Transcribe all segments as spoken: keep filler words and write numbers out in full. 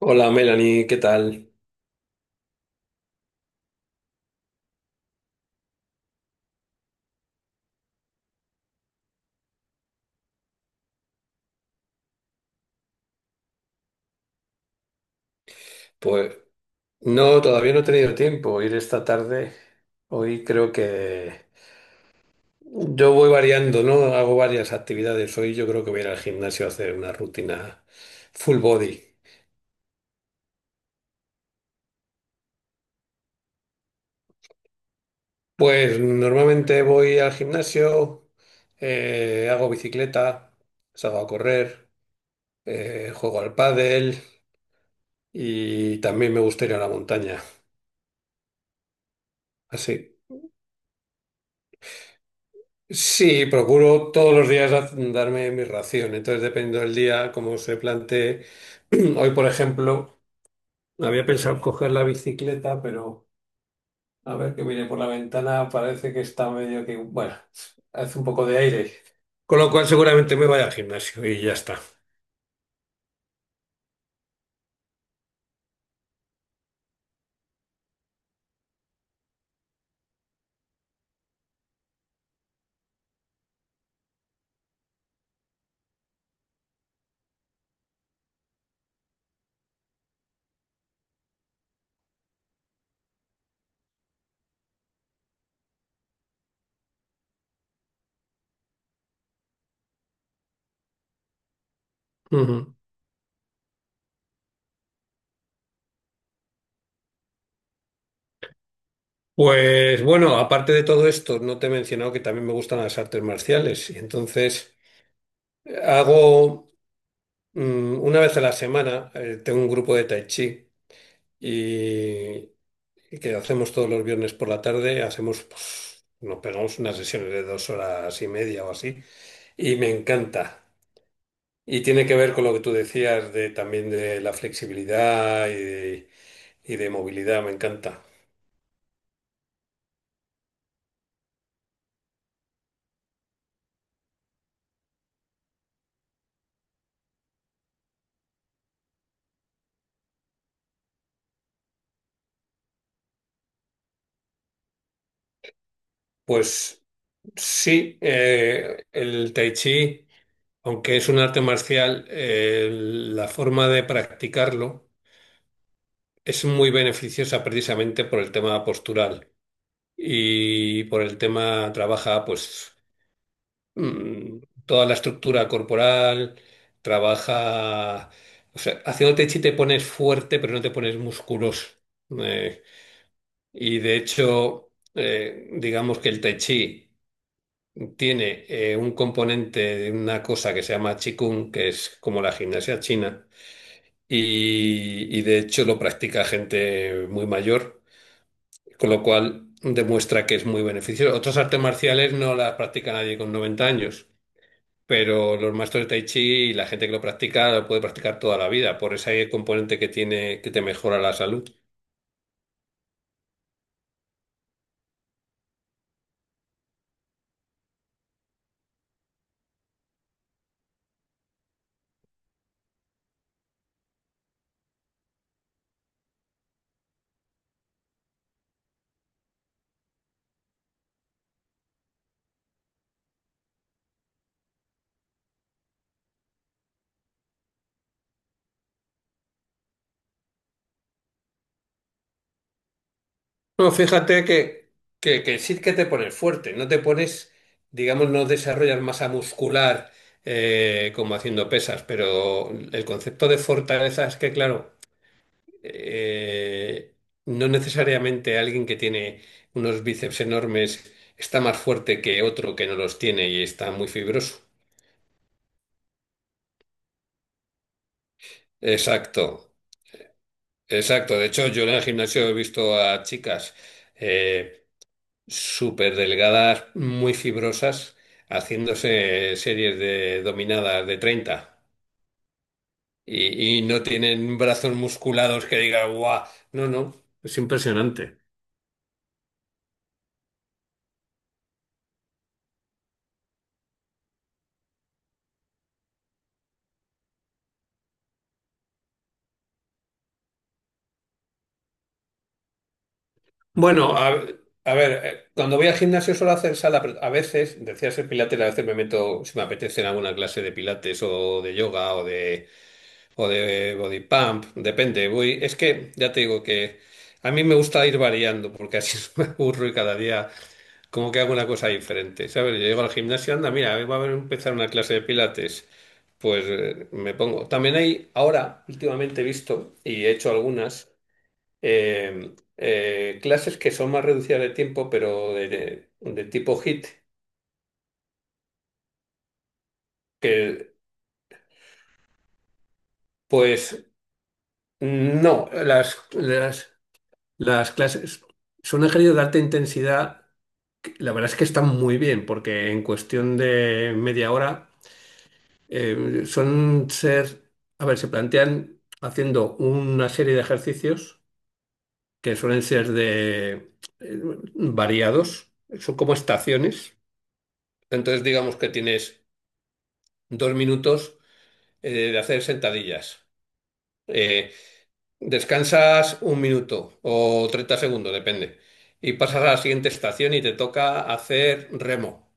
Hola Melanie, ¿qué tal? Pues no, todavía no he tenido tiempo ir esta tarde. Hoy creo que yo voy variando, ¿no? Hago varias actividades. Hoy yo creo que voy a ir al gimnasio a hacer una rutina full body. Pues normalmente voy al gimnasio, eh, hago bicicleta, salgo a correr, eh, juego al pádel y también me gusta ir a la montaña. Así. Sí, procuro todos los días haz- darme mi ración. Entonces, dependiendo del día, como se plantee. Hoy, por ejemplo, había pensado coger la bicicleta, pero a ver que miré por la ventana, parece que está medio que, bueno, hace un poco de aire. Con lo cual, seguramente me vaya al gimnasio y ya está. Ujú. Pues bueno, aparte de todo esto, no te he mencionado que también me gustan las artes marciales. Y entonces, eh, hago mm, una vez a la semana, eh, tengo un grupo de tai chi. y y que hacemos todos los viernes por la tarde, hacemos, pues, nos pegamos unas sesiones de dos horas y media o así, y me encanta. Y tiene que ver con lo que tú decías de también de la flexibilidad y de, y de movilidad, me encanta. Pues sí, eh, el tai chi, aunque es un arte marcial, eh, la forma de practicarlo es muy beneficiosa precisamente por el tema postural. Y por el tema trabaja pues mm, toda la estructura corporal, trabaja, o sea, haciendo tai chi te pones fuerte, pero no te pones musculoso. Eh, y de hecho, eh, digamos que el tai chi tiene eh, un componente de una cosa que se llama qigong, que es como la gimnasia china, y y de hecho lo practica gente muy mayor. Con lo cual demuestra que es muy beneficioso. Otras artes marciales no las practica nadie con noventa años, pero los maestros de Tai Chi y la gente que lo practica lo puede practicar toda la vida, por ese componente que tiene que te mejora la salud. No, fíjate que, que, que sí que te pones fuerte, no te pones, digamos, no desarrollas masa muscular eh, como haciendo pesas, pero el concepto de fortaleza es que, claro, eh, no necesariamente alguien que tiene unos bíceps enormes está más fuerte que otro que no los tiene y está muy fibroso. Exacto, exacto. De hecho, yo en el gimnasio he visto a chicas eh, súper delgadas, muy fibrosas, haciéndose series de dominadas de treinta y, y no tienen brazos musculados que diga, guau, no, no, es impresionante. Bueno, a, a ver, eh, cuando voy al gimnasio suelo hacer sala, pero a veces, decía ser pilates, a veces me meto, si me apetece, en alguna clase de pilates o de yoga o de, o de body pump, depende. Voy, es que ya te digo que a mí me gusta ir variando porque así no me aburro y cada día como que hago una cosa diferente, ¿sabes? Yo llego al gimnasio, anda, mira, va a haber- empezar una clase de pilates. Pues eh, me pongo. También hay, ahora, últimamente he visto y he hecho algunas eh, eh, clases que son más reducidas de tiempo, pero de, de- de tipo HIIT, que pues no, las, las, las clases son ejercicios de alta intensidad, que la verdad es que están muy bien, porque en cuestión de media hora eh, son ser, a ver, se plantean haciendo una serie de ejercicios que suelen ser de eh, variados, son como estaciones, entonces digamos que tienes dos minutos eh, de hacer sentadillas. Eh, Descansas un minuto o treinta segundos, depende. Y pasas a la siguiente estación y te toca hacer remo.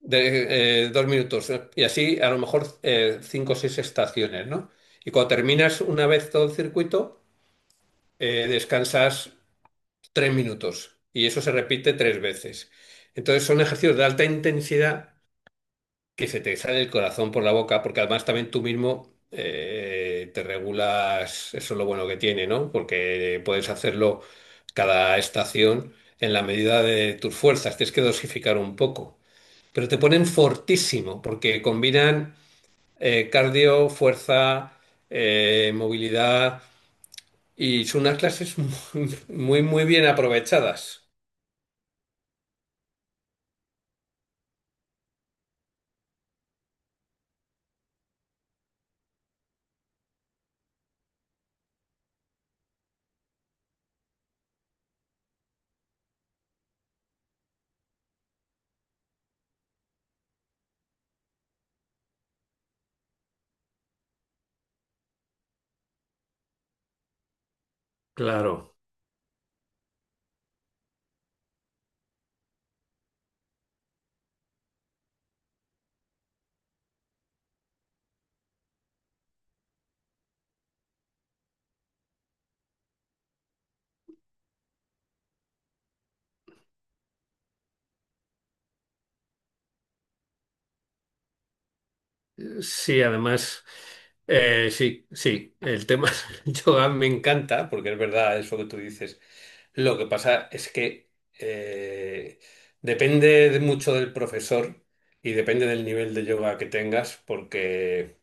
De, eh, dos minutos. Y así a lo mejor eh, cinco o seis estaciones, ¿no? Y cuando terminas una vez todo el circuito, eh, descansas tres minutos. Y eso se repite tres veces. Entonces son ejercicios de alta intensidad que se te sale el corazón por la boca, porque además también tú mismo eh, te regulas, eso es lo bueno que tiene, ¿no? Porque puedes hacerlo cada estación en la medida de tus fuerzas, tienes que dosificar un poco, pero te ponen fortísimo, porque combinan eh, cardio, fuerza, eh, movilidad, y son unas clases muy, muy, muy bien aprovechadas. Claro. Eh, Sí, además, eh, sí, sí, el tema del yoga me encanta, porque es verdad eso que tú dices. Lo que pasa es que eh, depende de mucho del profesor y depende del nivel de yoga que tengas, porque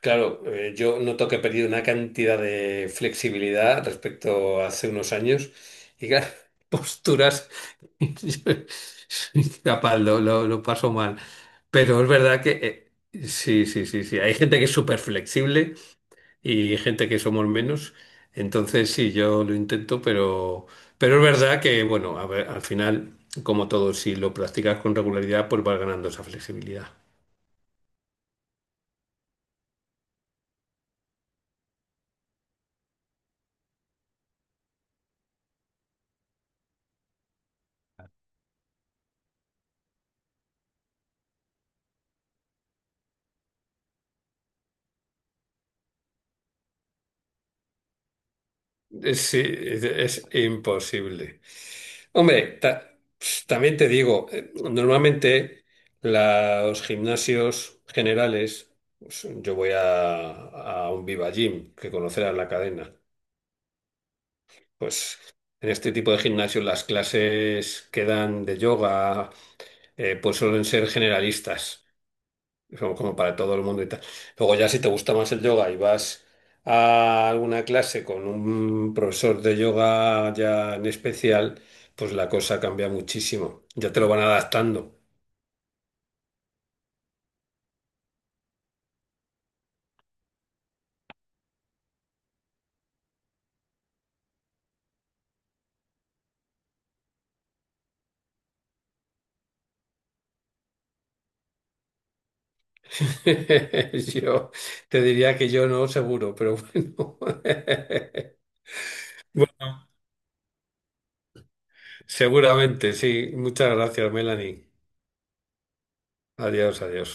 claro, eh, yo noto que he perdido una cantidad de flexibilidad respecto a hace unos años y claro, posturas, yo soy incapaz, lo, lo- lo paso mal. Pero es verdad que eh, sí, sí, sí, sí, hay gente que es súper flexible y gente que somos menos. Entonces sí, yo lo intento, pero, pero es verdad que, bueno, a ver, al final, como todo, si lo practicas con regularidad, pues vas ganando esa flexibilidad. Eh, Sí, es es imposible. Hombre, ta- también te digo, eh, normalmente los gimnasios generales, pues, yo voy a, a un Viva Gym, que conocerás la cadena. Pues en este tipo de gimnasios las clases que dan de yoga, eh, pues suelen ser generalistas como, como para todo el mundo y tal. Luego ya si te gusta más el yoga y vas a alguna clase con un profesor de yoga ya en especial, pues la cosa cambia muchísimo. Ya te lo van adaptando. Yo te diría que yo no, seguro, pero bueno. Bueno, seguramente, sí. Muchas gracias, Melanie. Adiós, adiós.